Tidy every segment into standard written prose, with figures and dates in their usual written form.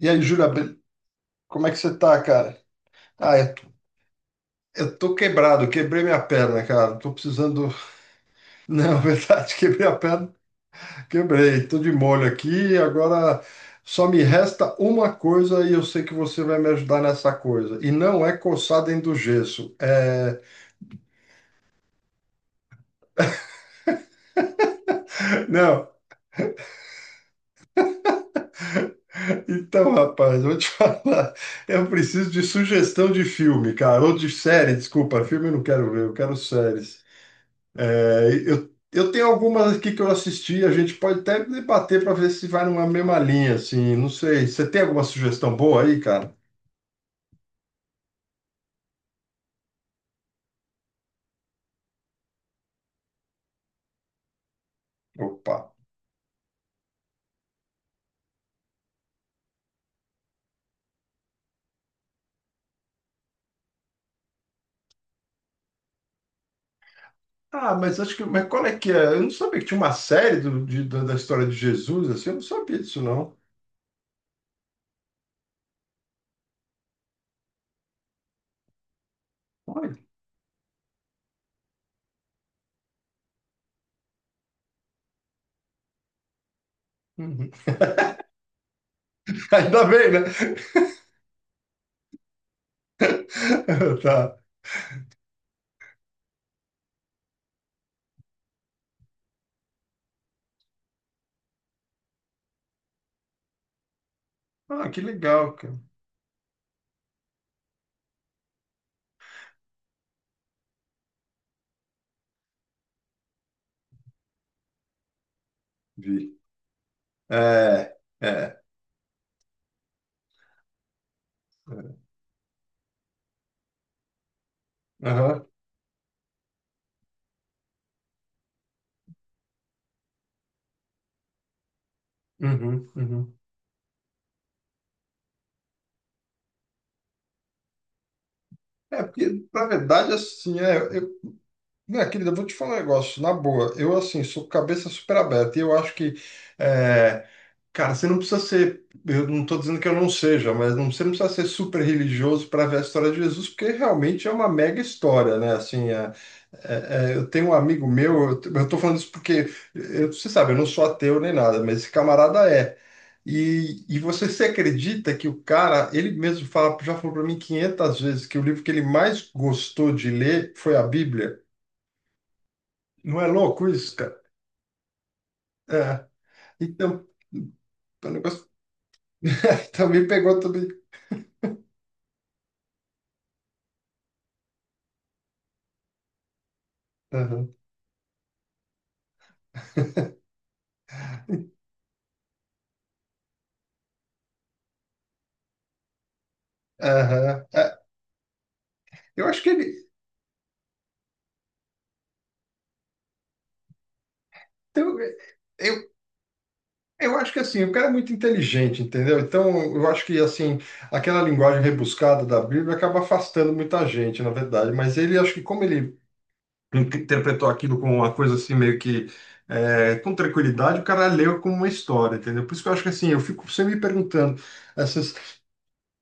E aí, Júlia, be- como é que você tá, cara? Ah, eu tô quebrado, quebrei minha perna, cara. Tô precisando. Não, verdade, quebrei a perna, quebrei. Tô de molho aqui. Agora só me resta uma coisa e eu sei que você vai me ajudar nessa coisa. E não é coçar dentro do gesso. É. Não, então, rapaz, eu vou te falar. Eu preciso de sugestão de filme, cara. Ou de série, desculpa. Filme eu não quero ver, eu quero séries. É, eu tenho algumas aqui que eu assisti, a gente pode até debater para ver se vai numa mesma linha, assim, não sei. Você tem alguma sugestão boa aí, cara? Opa. Ah, mas acho que. Mas qual é que é? Eu não sabia que tinha uma série da da história de Jesus, assim, eu não sabia disso, não. Olha. Uhum. Ainda bem, né? Tá. Ah, que legal, cara. Vi. É, é. É. Aham, uhum, uhum. É, porque, na verdade, assim, é, minha querida, eu vou te falar um negócio, na boa, eu assim, sou cabeça super aberta e eu acho que, é, cara, você não precisa ser, eu não estou dizendo que eu não seja, mas não, você não precisa ser super religioso para ver a história de Jesus, porque realmente é uma mega história, né? Assim, é- é- é, eu tenho um amigo meu, eu, estou falando isso porque, eu, você sabe, eu não sou ateu nem nada, mas esse camarada é. E você se acredita que o cara, ele mesmo fala, já falou para mim 500 vezes que o livro que ele mais gostou de ler foi a Bíblia? Não é louco isso, cara? É. Então, o negócio também pegou também. Aham, aham. É, eu acho que ele. Então, é, eu, eu acho que assim, o cara é muito inteligente, entendeu? Então, eu acho que assim, aquela linguagem rebuscada da Bíblia acaba afastando muita gente, na verdade. Mas ele, acho que como ele in- interpretou aquilo com uma coisa assim, meio que é, com tranquilidade, o cara leu como uma história, entendeu? Por isso que eu acho que assim, eu fico sempre me perguntando, essa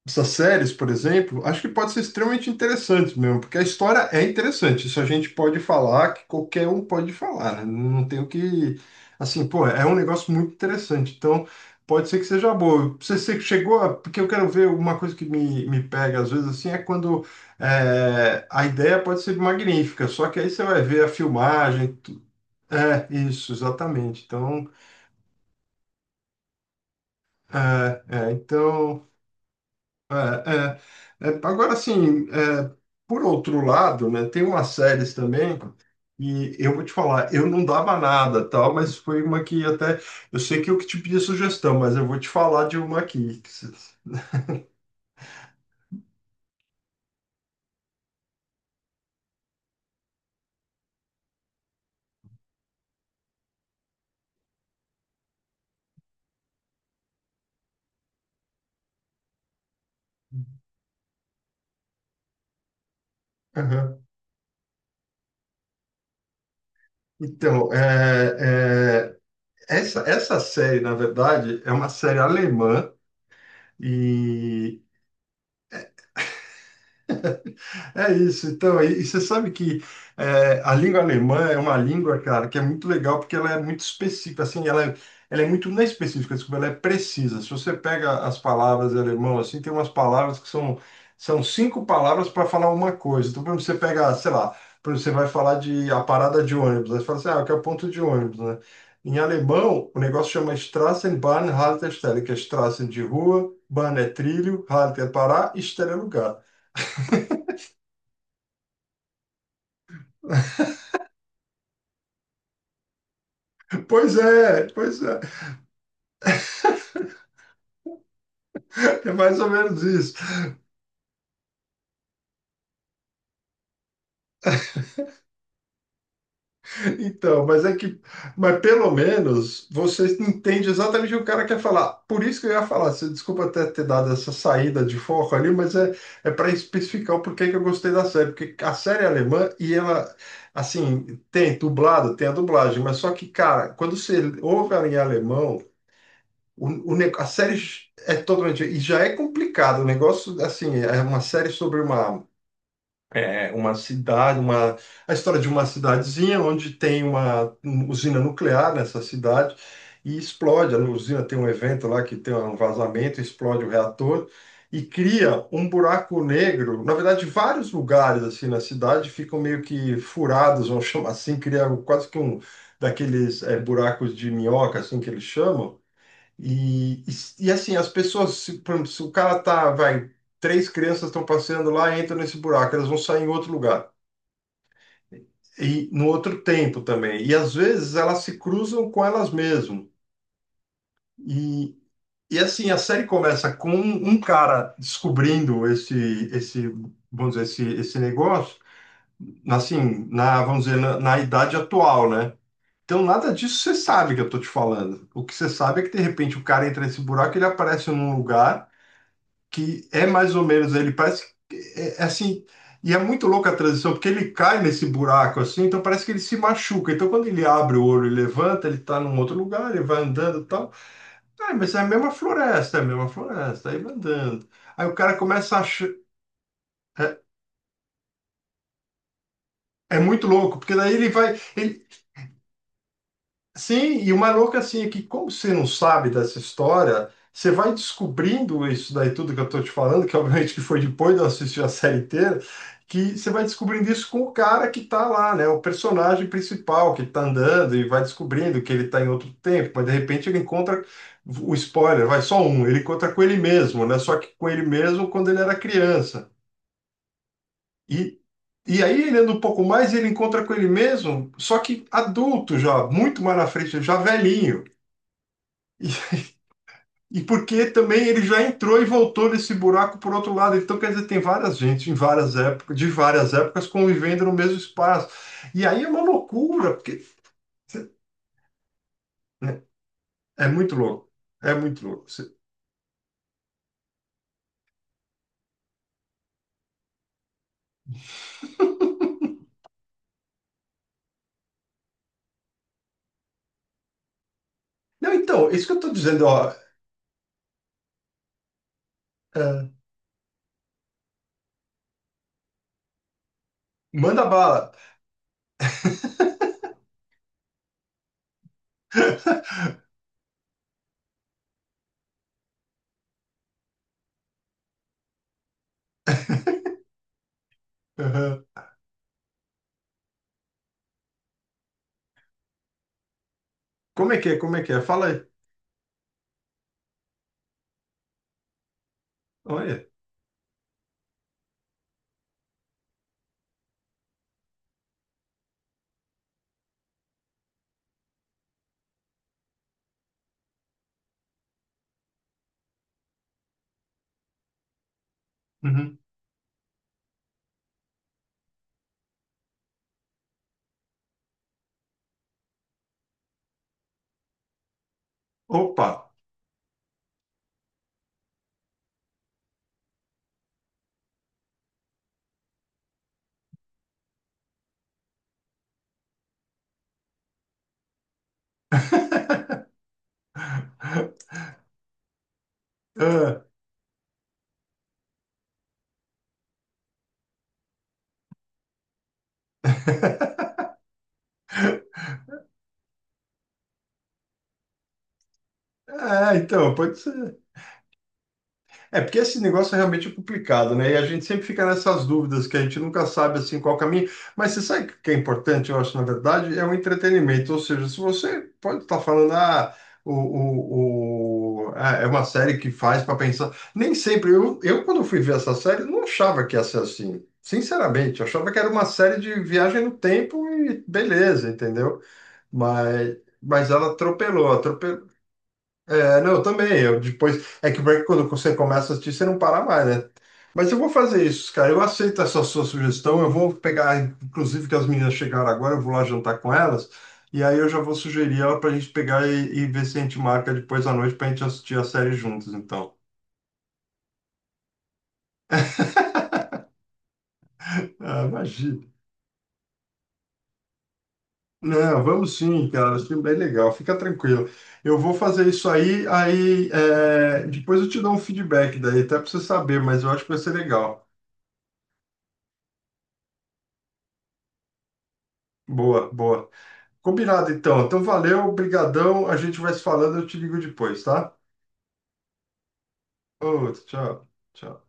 essas séries, por exemplo, acho que pode ser extremamente interessante mesmo, porque a história é interessante. Isso a gente pode falar, que qualquer um pode falar, né? Não tem o que. Assim, pô, é um negócio muito interessante. Então, pode ser que seja boa. Você chegou a. Porque eu quero ver uma coisa que me pega, às vezes, assim, é quando é, a ideia pode ser magnífica, só que aí você vai ver a filmagem. Tu- É, isso, exatamente. Então. É, é, é, agora, assim, é, por outro lado, né, tem umas séries também, e eu vou te falar, eu não dava nada, tal, mas foi uma que até, eu sei que eu que te pedi sugestão, mas eu vou te falar de uma aqui. Que se- Aham. Então, é, é, essa série, na verdade, é uma série alemã e é isso, então, e você sabe que é, a língua alemã é uma língua, cara, que é muito legal porque ela é muito específica, assim, ela é muito, não é específica, desculpa, ela é precisa. Se você pega as palavras em alemão, assim, tem umas palavras que são, são cinco palavras para falar uma coisa. Então, por exemplo, você pega, sei lá, por exemplo, você vai falar de a parada de ônibus, aí você fala assim, ah, que é o ponto de ônibus, né? Em alemão, o negócio chama Straßenbahn, Haltestelle, que é Straßen de rua, Bahn é trilho, Halt é parar, e Stelle é lugar. Pois é, é mais ou menos isso. Então, mas é que, mas pelo menos você entende exatamente o que o cara quer falar. Por isso que eu ia falar, você, desculpa até ter dado essa saída de foco ali, mas é, é para especificar o porquê que eu gostei da série, porque a série é alemã e ela, assim, tem dublado, tem a dublagem, mas só que, cara, quando você ouve ela em alemão, o ne- a série é totalmente. E já é complicado. O negócio, assim, é uma série sobre uma, é uma cidade, uma, a história de uma cidadezinha onde tem uma usina nuclear nessa cidade e explode. A usina tem um evento lá que tem um vazamento, explode o reator e cria um buraco negro. Na verdade, vários lugares assim na cidade ficam meio que furados, vamos chamar assim, cria quase que um daqueles buracos de minhoca, assim que eles chamam e assim, as pessoas, se, por exemplo, se o cara tá, vai, três crianças estão passeando lá, entram nesse buraco, elas vão sair em outro lugar. E no outro tempo também. E às vezes elas se cruzam com elas mesmas. E, e assim, a série começa com um cara descobrindo esse, esse, vamos dizer, esse negócio, assim, na, vamos dizer, na idade atual, né? Então, nada disso você sabe que eu tô te falando. O que você sabe é que, de repente, o cara entra nesse buraco, ele aparece num lugar. Que é mais ou menos ele parece que- é, é assim e é muito louca a transição porque ele cai nesse buraco assim então parece que ele se machuca então quando ele abre o olho e levanta ele está num outro lugar ele vai andando e tal, ah, mas é a mesma floresta é a mesma floresta aí vai andando aí o cara começa a ach- é, é muito louco porque daí ele vai ele. Sim, e o mais louco é, assim é que, como você não sabe dessa história, você vai descobrindo isso daí, tudo que eu tô te falando, que obviamente que foi depois de eu assistir a série inteira, que você vai descobrindo isso com o cara que tá lá, né? O personagem principal que tá andando e vai descobrindo que ele tá em outro tempo, mas de repente ele encontra o spoiler, vai só um, ele encontra com ele mesmo, né? Só que com ele mesmo quando ele era criança. E, e aí ele anda um pouco mais e ele encontra com ele mesmo, só que adulto já, muito mais na frente, já velhinho. E porque também ele já entrou e voltou desse buraco por outro lado. Então, quer dizer, tem várias gente em várias épocas, de várias épocas convivendo no mesmo espaço. E aí é uma loucura, porque né, é muito louco. É muito louco. Você- Não, então, isso que eu tô dizendo, ó, é, manda bala. Aham. Como é que é? Como é que é? Fala aí. Olha. Uhum. Opa. Ah, é, então, pode ser. É, porque esse negócio é realmente complicado, né? E a gente sempre fica nessas dúvidas que a gente nunca sabe assim qual caminho. Mas você sabe o que é importante, eu acho, na verdade, é o entretenimento. Ou seja, se você pode estar falando, ah, o ah, é uma série que faz para pensar. Nem sempre. Eu, quando fui ver essa série, não achava que ia ser assim. Sinceramente, eu achava que era uma série de viagem no tempo e beleza, entendeu? Mas, mas ela atropelou, atropelou. É, não, eu também. Eu depois. É que o break, quando você começa a assistir, você não para mais, né? Mas eu vou fazer isso, cara. Eu aceito essa sua sugestão. Eu vou pegar, inclusive, que as meninas chegaram agora, eu vou lá jantar com elas. E aí eu já vou sugerir ela pra gente pegar e ver se a gente marca depois à noite pra gente assistir a série juntos, então. Ah, imagina. Não, vamos sim, cara. Acho que é bem legal. Fica tranquilo. Eu vou fazer isso aí, aí é, depois eu te dou um feedback daí, até pra você saber, mas eu acho que vai ser legal. Boa, boa. Combinado, então. Então, valeu, brigadão. A gente vai se falando, eu te ligo depois, tá? Outro, tchau. Tchau.